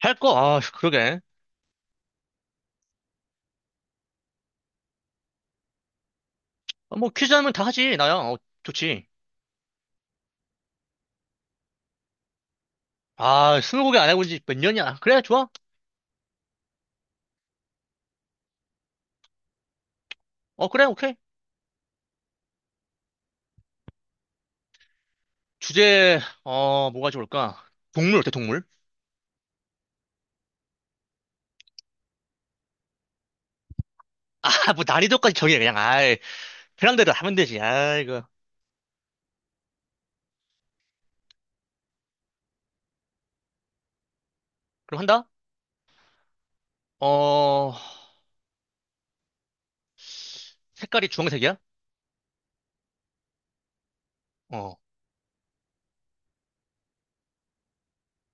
할 거? 아, 그러게. 어, 뭐 퀴즈 하면 다 하지, 나야. 어, 좋지. 아, 스무고개 안 해본 지 몇 년이야. 그래, 좋아. 어, 그래, 오케이. 주제, 어, 뭐가 좋을까? 동물 어때, 동물? 아, 뭐 난이도까지 정해, 그냥. 아이, 편한대로 하면 되지. 아이고. 그럼 한다? 어, 색깔이 주황색이야? 어,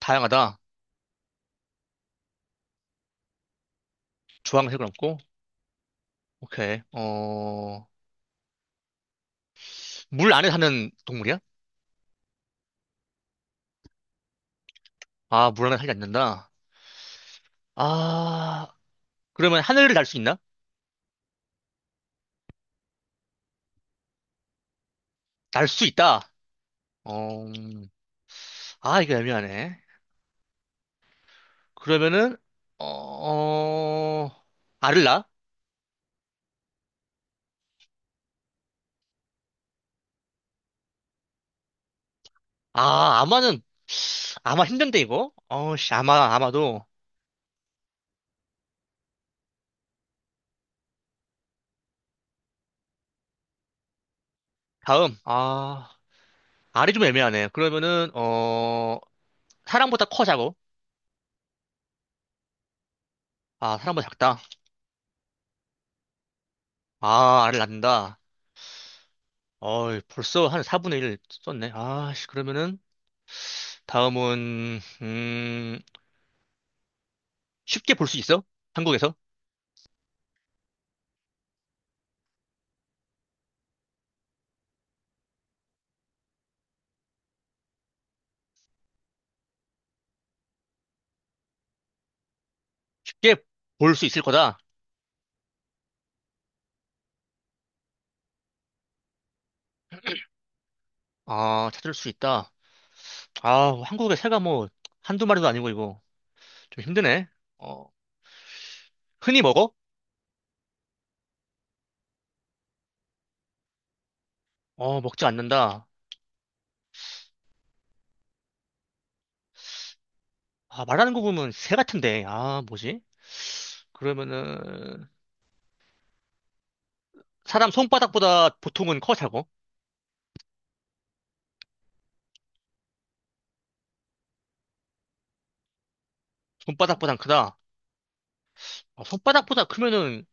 다양하다. 주황색은 없고. 오케이. 어, 물 안에 사는 동물이야? 아, 물 안에 살지 않는다. 아, 그러면 하늘을 날 수 있나? 날 수 있다. 어, 아, 이거 애매하네. 그러면은 어 알을 낳아? 아 아마는 아마 힘든데 이거 어씨 아마도 다음 아 알이 좀 애매하네 그러면은 어 사람보다 커 작어 아 사람보다 작다 아 알을 낳는다 어 벌써 한 4분의 1 썼네 아씨 그러면은 다음은 쉽게 볼 수 있어? 한국에서 쉽게 볼 수 있을 거다 아 찾을 수 있다 아 한국에 새가 뭐 한두 마리도 아니고 이거 좀 힘드네 어. 흔히 먹어? 어, 먹지 않는다. 아, 말하는 거 보면 새 같은데. 아, 뭐지? 그러면은, 사람 손바닥보다 보통은 커, 사고? 손바닥보단 크다. 어, 손바닥보다 크면은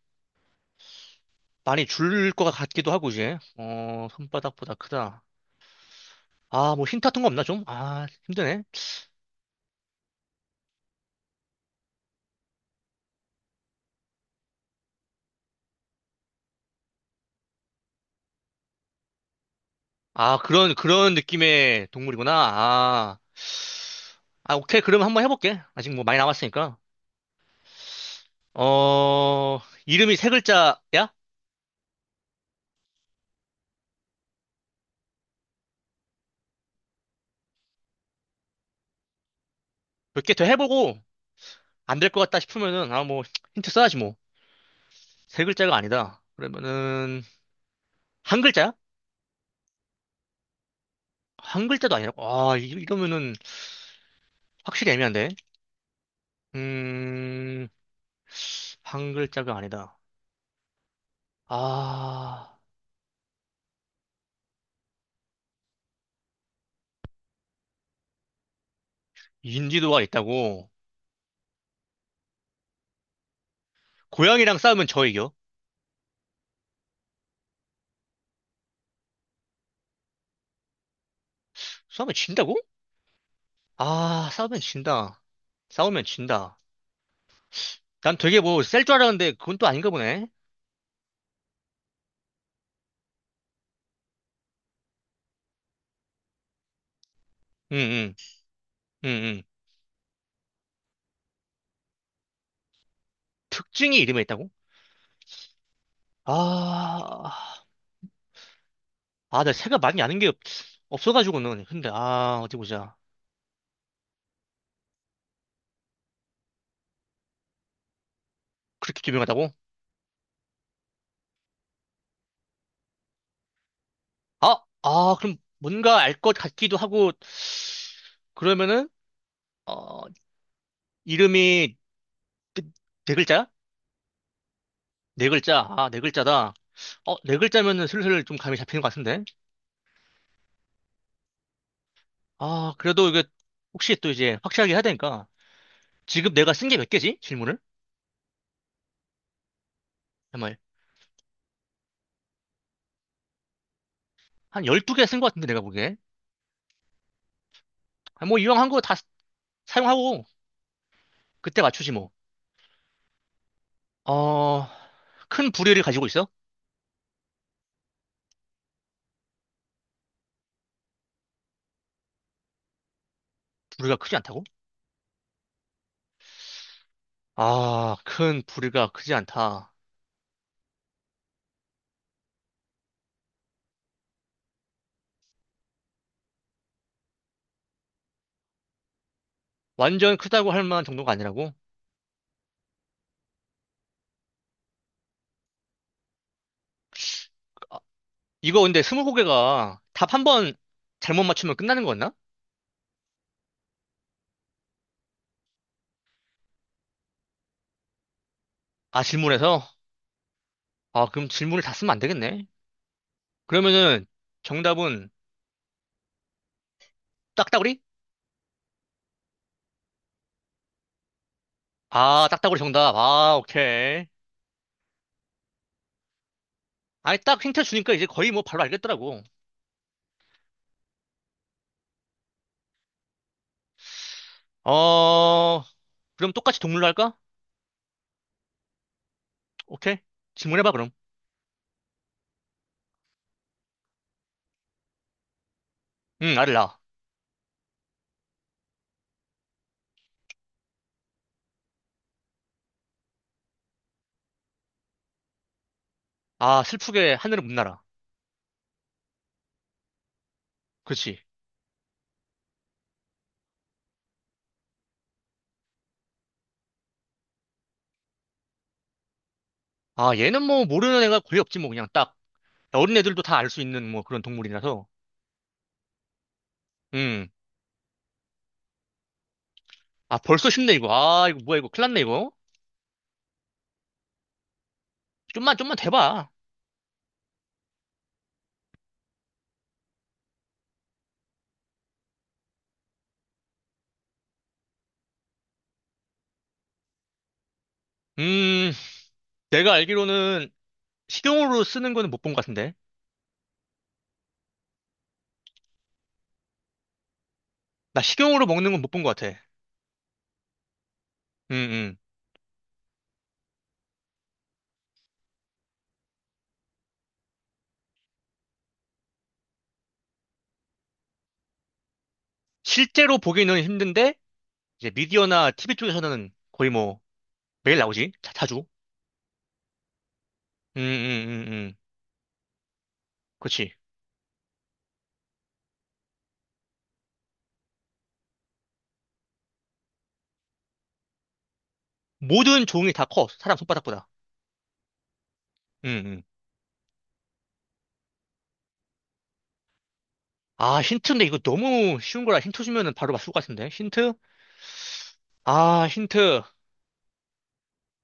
많이 줄 것 같기도 하고, 이제. 어, 손바닥보다 크다. 아, 뭐 힌트 같은 거 없나, 좀? 아, 힘드네. 아, 그런 느낌의 동물이구나. 아, 아, 오케이. 그럼 한번 해볼게. 아직 뭐 많이 남았으니까. 어, 이름이 세 글자야? 몇 개 더 해보고, 안될 것 같다 싶으면은, 아, 뭐, 힌트 써야지 뭐. 세 글자가 아니다. 그러면은, 한 글자야? 한 글자도 아니라고? 아, 이러면은 확실히 애매한데? 음, 한 글자가 아니다. 아, 인지도가 있다고? 고양이랑 싸우면 저 이겨? 싸우면 진다고? 아, 싸우면 진다. 싸우면 진다. 난 되게 뭐, 셀 줄 알았는데, 그건 또 아닌가 보네. 응, 응, 응, 응. 특징이 이름에 있다고? 아, 아, 나 새가 많이 없어가지고는. 근데, 아, 어디 보자. 그렇게 유명하다고? 아, 아, 그럼 뭔가 알 것 같기도 하고, 그러면은, 어, 이름이 네, 네 글자야? 네 글자. 아, 네 글자다. 어, 네 글자면은 슬슬 좀 감이 잡히는 것 같은데? 아, 그래도 이게 혹시 또 이제 확실하게 해야 되니까. 지금 내가 쓴 게 몇 개지? 질문을? 정말. 한 열두 개 쓴 것 같은데, 내가 보기에. 아, 뭐, 이왕 한 거 다 사용하고, 그때 맞추지 뭐. 어, 큰 부리를 가지고 있어? 부리가 크지 않다고? 아, 큰 부리가 크지 않다. 완전 크다고 할 만한 정도가 아니라고? 아, 이거 근데 스무고개가 답 한 번 잘못 맞추면 끝나는 거였나? 아, 질문에서? 아, 그럼 질문을 다 쓰면 안 되겠네. 그러면은 정답은 딱따구리? 아, 딱따구리 정답. 아, 오케이. 아니, 딱 힌트 주니까 이제 거의 뭐 바로 알겠더라고. 어, 그럼 똑같이 동물로 할까? 오케이. 질문해봐, 그럼. 응, 알을 낳아. 아, 슬프게 하늘을 못 날아. 그렇지. 아, 얘는 뭐 모르는 애가 거의 없지, 뭐 그냥 딱. 어린 애들도 다 알 수 있는 뭐 그런 동물이라서. 음. 아, 벌써 쉽네, 이거. 아, 이거 뭐야, 이거. 큰일 났네, 이거. 좀만, 좀만 대봐. 음, 내가 알기로는 식용으로 쓰는 거는 못 본 것 같은데. 나 식용으로 먹는 건 못 본 것 같아. 음, 음. 실제로 보기는 힘든데, 이제 미디어나 티비 쪽에서는 거의 뭐 매일 나오지. 자, 주 음, 음, 음, 음. 그렇지. 모든 종이 다 커. 사람 손바닥보다. 음, 음. 아, 힌트인데 이거 너무 쉬운 거라 힌트 주면은 바로 맞출 것 같은데. 힌트? 아, 힌트.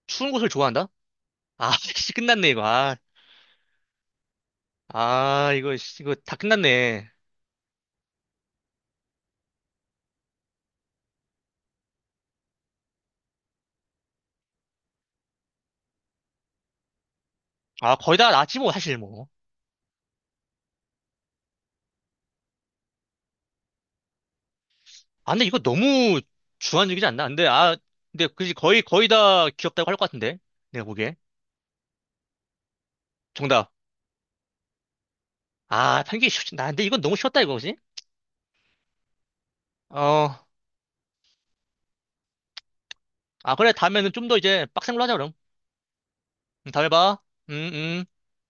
추운 곳을 좋아한다? 아, 씨, 끝났네, 이거. 아, 아, 이거, 씨, 이거 다 끝났네. 아, 거의 다 나왔지, 뭐, 사실, 뭐. 아, 근데 이거 너무 주관적이지 않나? 근데, 아, 근데, 그지, 거의, 거의 다 귀엽다고 할 것 같은데. 내가 보기에. 정답. 아, 편기 쉽지. 나, 근데 이건 너무 쉬웠다, 이거지? 어, 아, 그래, 다음에는 좀 더 이제 빡센 걸로 하자, 그럼. 다음에 봐. 음, 음.